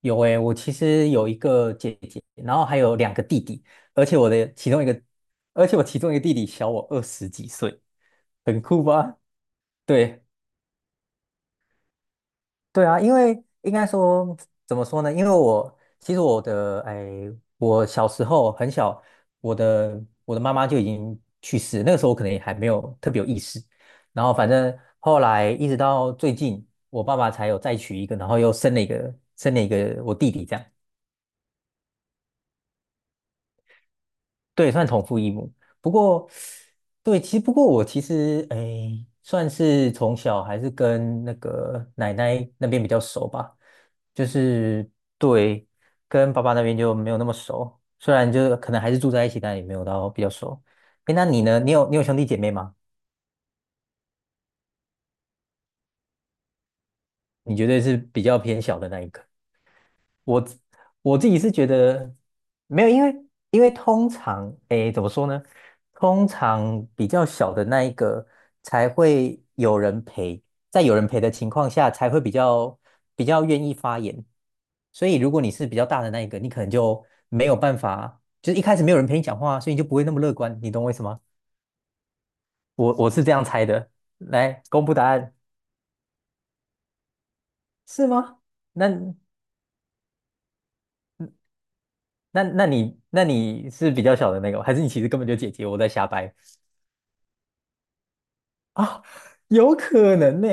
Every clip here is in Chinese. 有诶，我其实有一个姐姐，然后还有两个弟弟，而且我的其中一个，而且我其中一个弟弟小我二十几岁，很酷吧？对对啊，因为应该说怎么说呢？因为我小时候很小，我的妈妈就已经去世了。那个时候我可能也还没有特别有意识，然后反正后来一直到最近，我爸爸才有再娶一个，然后又生了一个我弟弟这样。对，算同父异母。不过，对，其实不过我其实诶，算是从小还是跟那个奶奶那边比较熟吧。就是对，跟爸爸那边就没有那么熟。虽然就是可能还是住在一起，但也没有到比较熟。诶，那你呢？你有兄弟姐妹吗？你绝对是比较偏小的那一个。我自我自己是觉得没有。因为通常，诶，怎么说呢？通常比较小的那一个才会有人陪，在有人陪的情况下，才会比较愿意发言。所以如果你是比较大的那一个，你可能就没有办法，就是一开始没有人陪你讲话啊，所以你就不会那么乐观。你懂我意思吗？我是这样猜的。来公布答案，是吗？那那你是比较小的那个吗？还是你其实根本就姐姐，我在瞎掰？啊，有可能呢、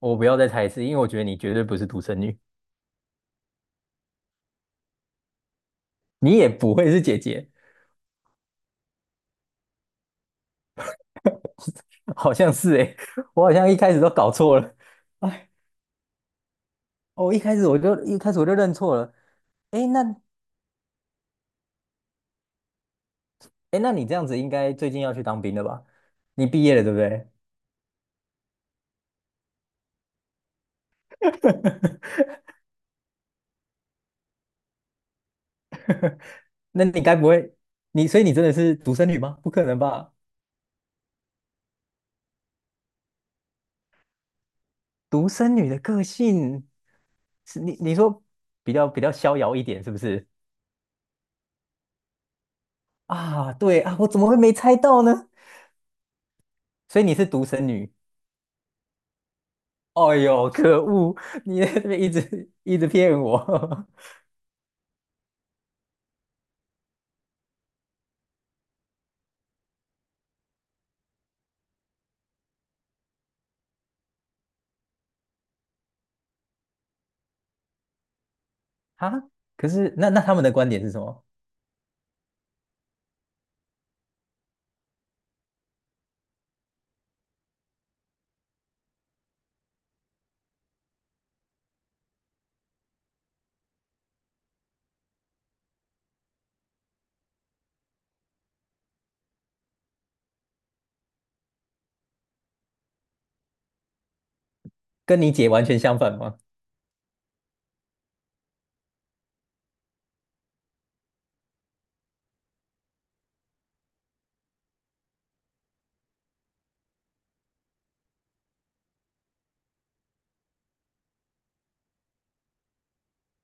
我不要再猜一次，因为我觉得你绝对不是独生女，你也不会是姐姐。好像是诶、我好像一开始都搞错了。哎，我一开始就认错了。诶，那诶，那你这样子应该最近要去当兵了吧？你毕业了对不对？那你该不会你所以你真的是独生女吗？不可能吧？独生女的个性是你说比较逍遥一点是不是？啊，对啊，我怎么会没猜到呢？所以你是独生女。哦呦，可恶！你在这边一直一直骗我 哈，可是那他们的观点是什么？跟你姐完全相反吗？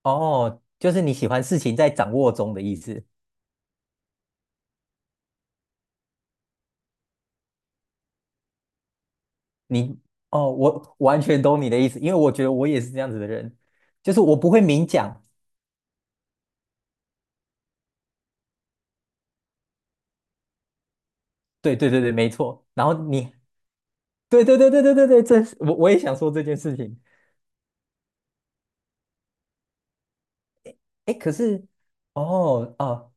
哦，就是你喜欢事情在掌握中的意思。你哦，我完全懂你的意思，因为我觉得我也是这样子的人，就是我不会明讲。对对对对，没错。然后你，对对对对对对对，这是我也想说这件事情。哎，可是哦哦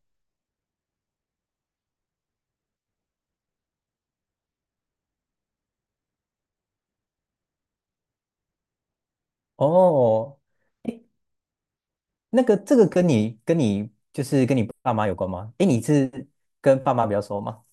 哦，那个这个跟你跟你就是跟你爸妈有关吗？诶，你是跟爸妈比较熟吗？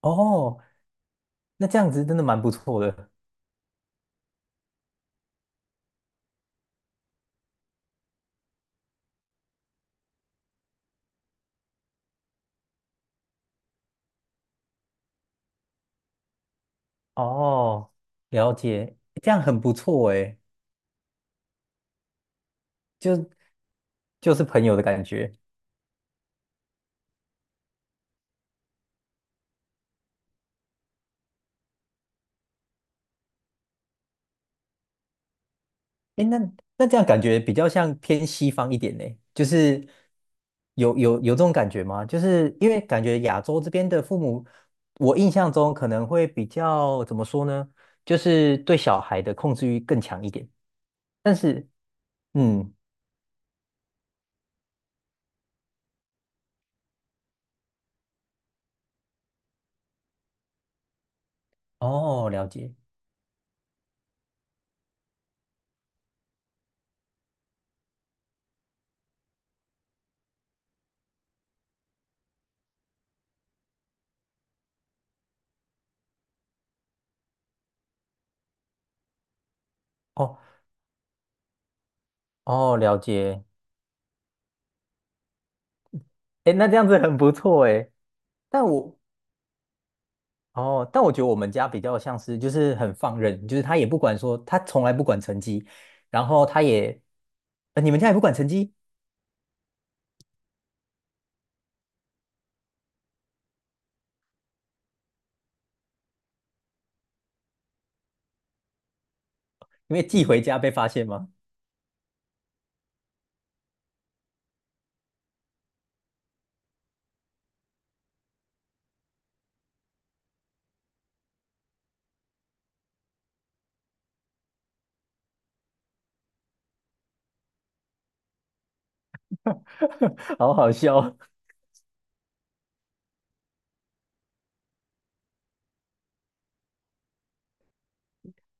哦，那这样子真的蛮不错的。哦，了解，这样很不错诶，就就是朋友的感觉。诶，那这样感觉比较像偏西方一点呢，就是有这种感觉吗？就是因为感觉亚洲这边的父母，我印象中可能会比较怎么说呢？就是对小孩的控制欲更强一点，但是。嗯，哦，了解，哦哦，了解，哎，那这样子很不错哎。但我哦，但我觉得我们家比较像是就是很放任，就是他也不管说，他从来不管成绩。然后他也，呃你们家也不管成绩，因为寄回家被发现吗？好好笑哦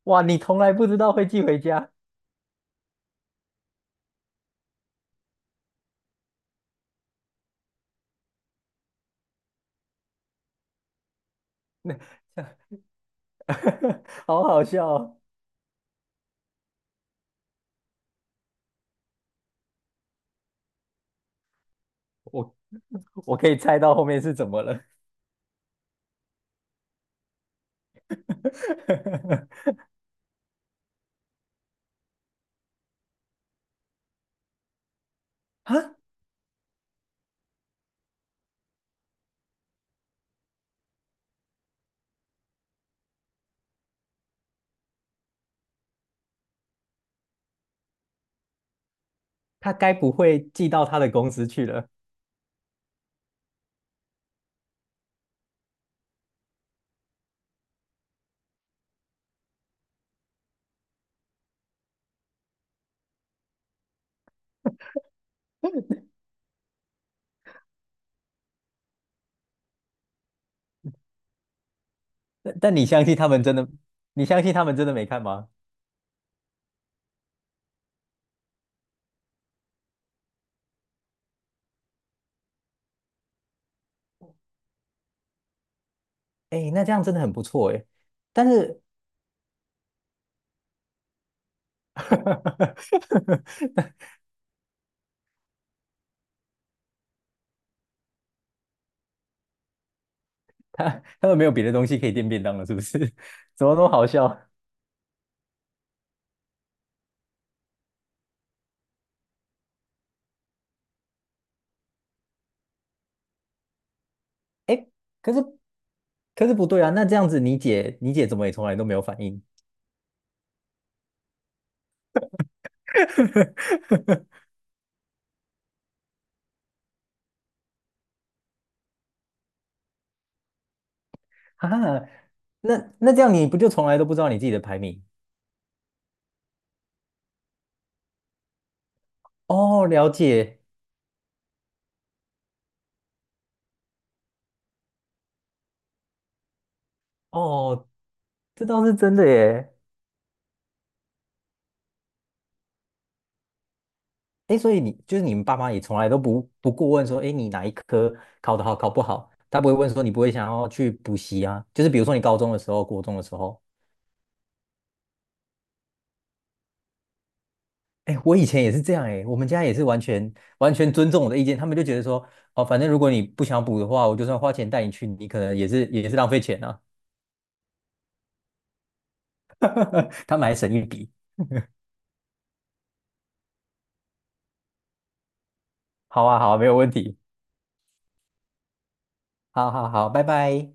哇，你从来不知道会寄回家，好好笑哦，我我可以猜到后面是怎么了，啊，他该不会寄到他的公司去了？但你相信他们真的没看吗？哎，那这样真的很不错哎。但是 他们没有别的东西可以垫便当了，是不是？怎么那么好笑？哎，可是可是不对啊，那这样子你姐怎么也从来都没有反应？哈哈，那这样你不就从来都不知道你自己的排名？哦，了解，哦，这倒是真的耶。哎，所以就是你们爸妈也从来都不过问说，哎，你哪一科考得好，考不好，他不会问说你不会想要去补习啊？就是比如说你高中的时候、国中的时候，哎，我以前也是这样，哎，我们家也是完全尊重我的意见。他们就觉得说，哦，反正如果你不想补的话，我就算花钱带你去，你可能也是浪费钱啊，他们还省一笔。好啊，好啊，没有问题，好好好，拜拜。